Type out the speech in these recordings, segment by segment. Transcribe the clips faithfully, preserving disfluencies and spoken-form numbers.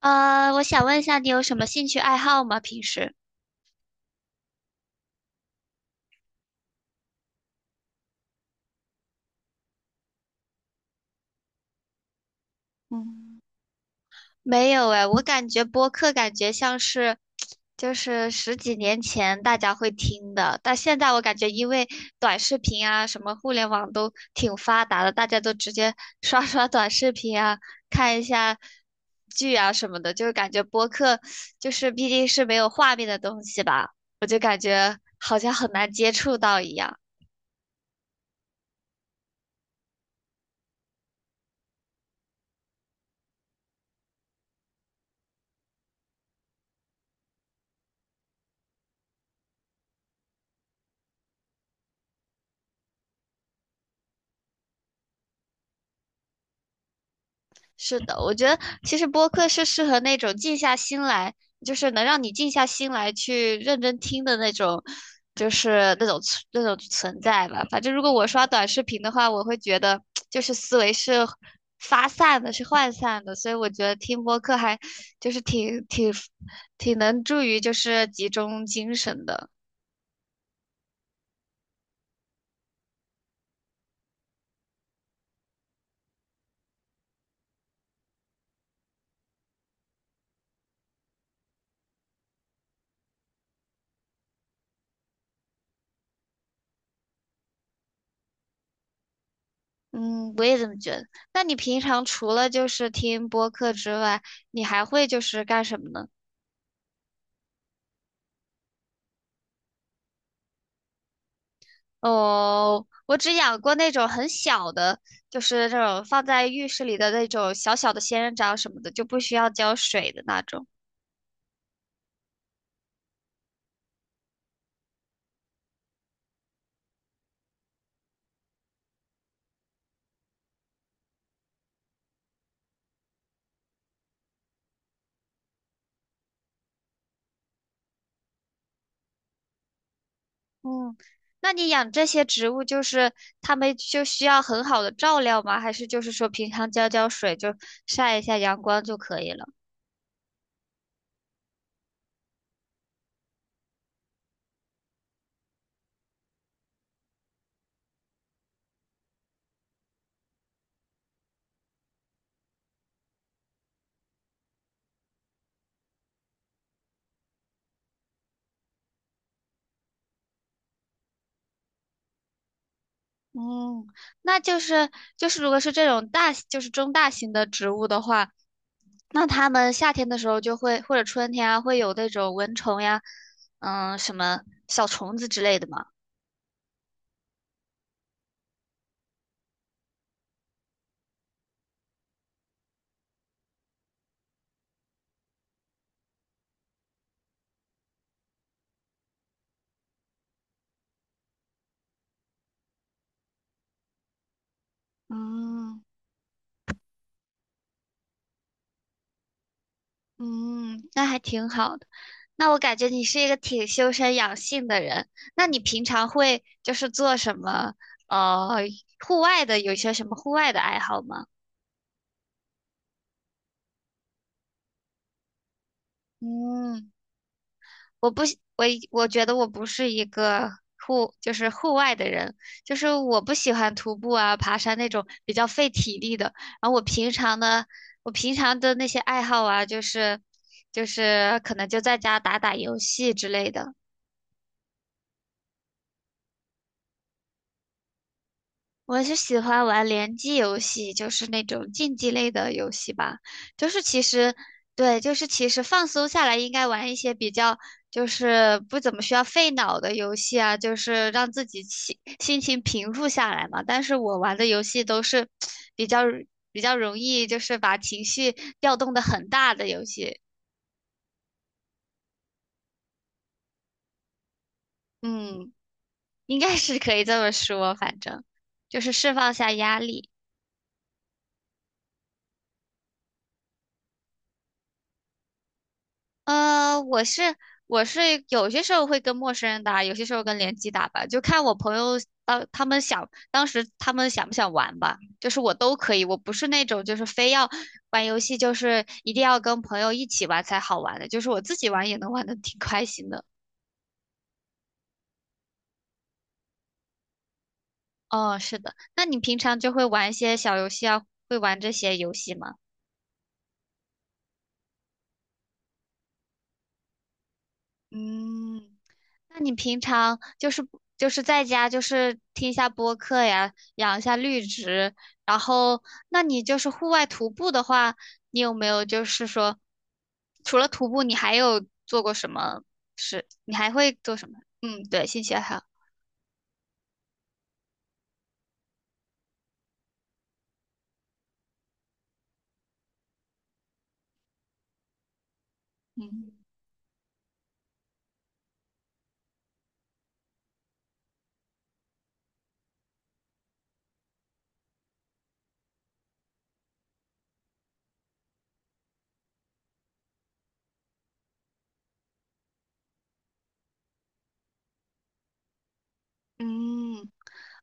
呃，我想问一下，你有什么兴趣爱好吗？平时？嗯，没有哎，我感觉播客感觉像是，就是十几年前大家会听的，但现在我感觉因为短视频啊，什么互联网都挺发达的，大家都直接 刷刷短视频啊，看一下剧啊什么的，就是感觉播客就是毕竟是没有画面的东西吧，好像很难接触到一样。是的，我觉得其实播客是适合那种静下心来，就是能让你静下心来去认真听的那种，就是那种存那种存在吧。反正如果我刷短视频的话，我会觉得就是思维是发散的，是涣散的，所以我觉得听播客还就是挺挺挺能助于就是集中精神的。嗯，我也这么觉得。那你平常除了就是听播客之外，你还会就是干什么呢？哦，我只养过那种很小的，就是这种放在浴室里的那种小小的仙人掌什么的，就不需要浇水的那种。嗯，那你养这些植物，就是它们就需要很好的照料吗？还是就是说平常浇浇水，就晒一下阳光就可以了？嗯，那就是就是如果是这种大，就是中大型的植物的话，那它们夏天的时候就会，或者春天啊，会有那种蚊虫呀，嗯，什么小虫子之类的吗？嗯嗯，那还挺好的。那我感觉你是一个挺修身养性的人。那你平常会就是做什么？呃，户外的有一些什么户外的爱好吗？嗯，我不喜我我觉得我不是一个户，就是户外的人，就是我不喜欢徒步啊、爬山那种比较费体力的。然后我平常呢，我平常的那些爱好啊，就是就是可能就在家打打游戏之类的。我是喜欢玩联机游戏，就是那种竞技类的游戏吧。就是其实，对，就是其实放松下来应该玩一些比较，就是不怎么需要费脑的游戏啊，就是让自己心心情平复下来嘛。但是我玩的游戏都是比较比较容易，就是把情绪调动的很大的游戏。嗯，应该是可以这么说，反正就是释放下压力。呃，我是我是有些时候会跟陌生人打，有些时候跟联机打吧，就看我朋友当他们想当时他们想不想玩吧，就是我都可以，我不是那种就是非要玩游戏就是一定要跟朋友一起玩才好玩的，就是我自己玩也能玩的挺开心的。哦，是的，那你平常就会玩一些小游戏啊，会玩这些游戏吗？嗯。那你平常就是就是在家就是听一下播客呀，养一下绿植，然后那你就是户外徒步的话，你有没有就是说，除了徒步，你还有做过什么事？你还会做什么？嗯，对，兴趣爱好。嗯嗯，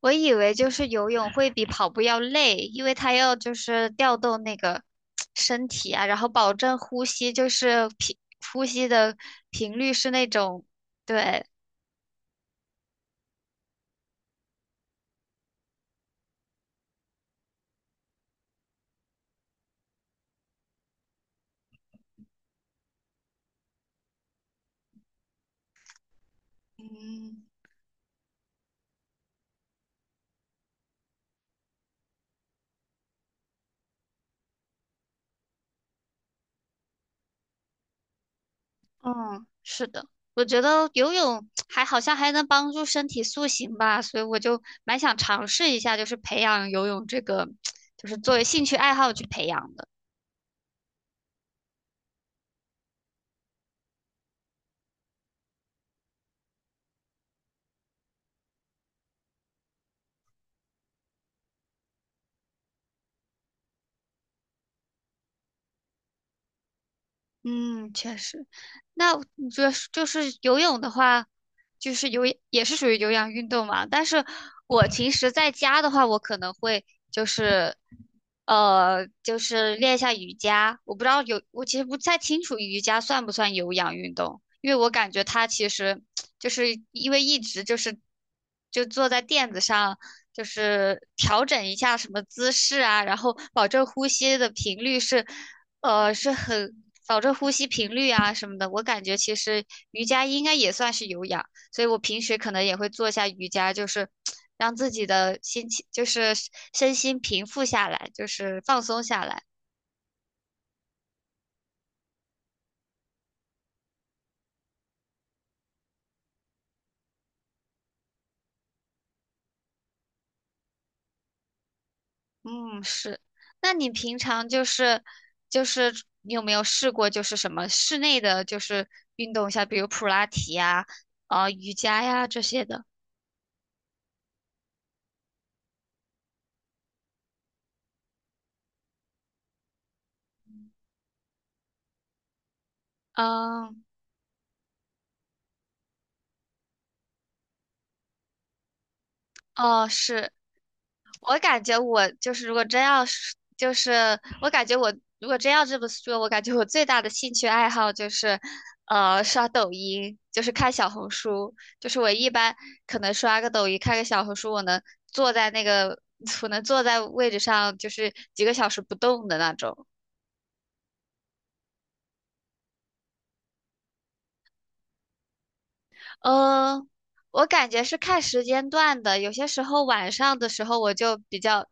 我以为就是游泳会比跑步要累，因为它要就是调动那个身体啊，然后保证呼吸，就是频呼吸的频率是那种。对，嗯，嗯，是的，我觉得游泳还好像还能帮助身体塑形吧，所以我就蛮想尝试一下，就是培养游泳这个，就是作为兴趣爱好去培养的。嗯，确实。那你觉得就是游泳的话，就是有也是属于有氧运动嘛。但是我平时在家的话，我可能会就是呃，就是练一下瑜伽。我不知道有，我其实不太清楚瑜伽算不算有氧运动，因为我感觉它其实就是因为一直就是就坐在垫子上。就是调整一下什么姿势啊，然后保证呼吸的频率是，呃，是很保证呼吸频率啊什么的。我感觉其实瑜伽应该也算是有氧。所以我平时可能也会做一下瑜伽，就是让自己的心情，就是身心平复下来，就是放松下来。嗯，是。那你平常就是就是你有没有试过就是什么室内的，就是运动一下，比如普拉提呀、啊、呃瑜伽呀这些的？嗯，哦，是。我感觉我就是，如果真要是，就是我感觉我如果真要这么说，我感觉我最大的兴趣爱好就是，呃，刷抖音，就是看小红书。就是我一般可能刷个抖音，看个小红书，我能坐在那个，我能坐在位置上，就是几个小时不动的那种。呃，我感觉是看时间段的，有些时候晚上的时候我就比较，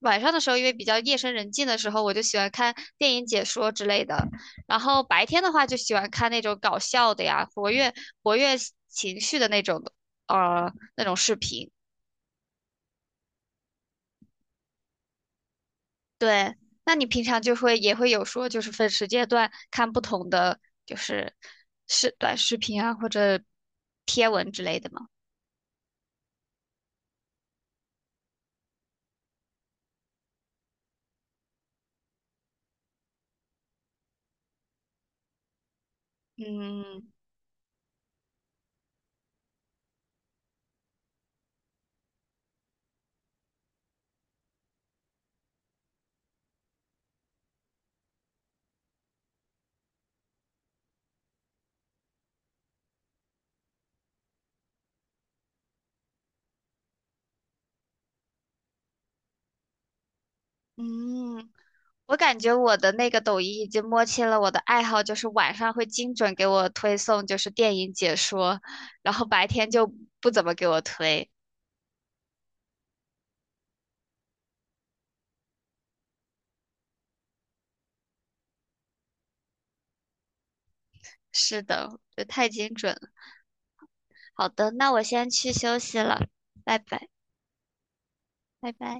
晚上的时候因为比较夜深人静的时候，我就喜欢看电影解说之类的，然后白天的话就喜欢看那种搞笑的呀，活跃活跃情绪的那种，呃，那种视频。对，那你平常就会也会有说就是分时间段看不同的就是是短视频啊或者贴文之类的吗？嗯嗯。我感觉我的那个抖音已经摸清了我的爱好，就是晚上会精准给我推送就是电影解说，然后白天就不怎么给我推。是的，这太精准了。好的，那我先去休息了，拜拜，拜拜。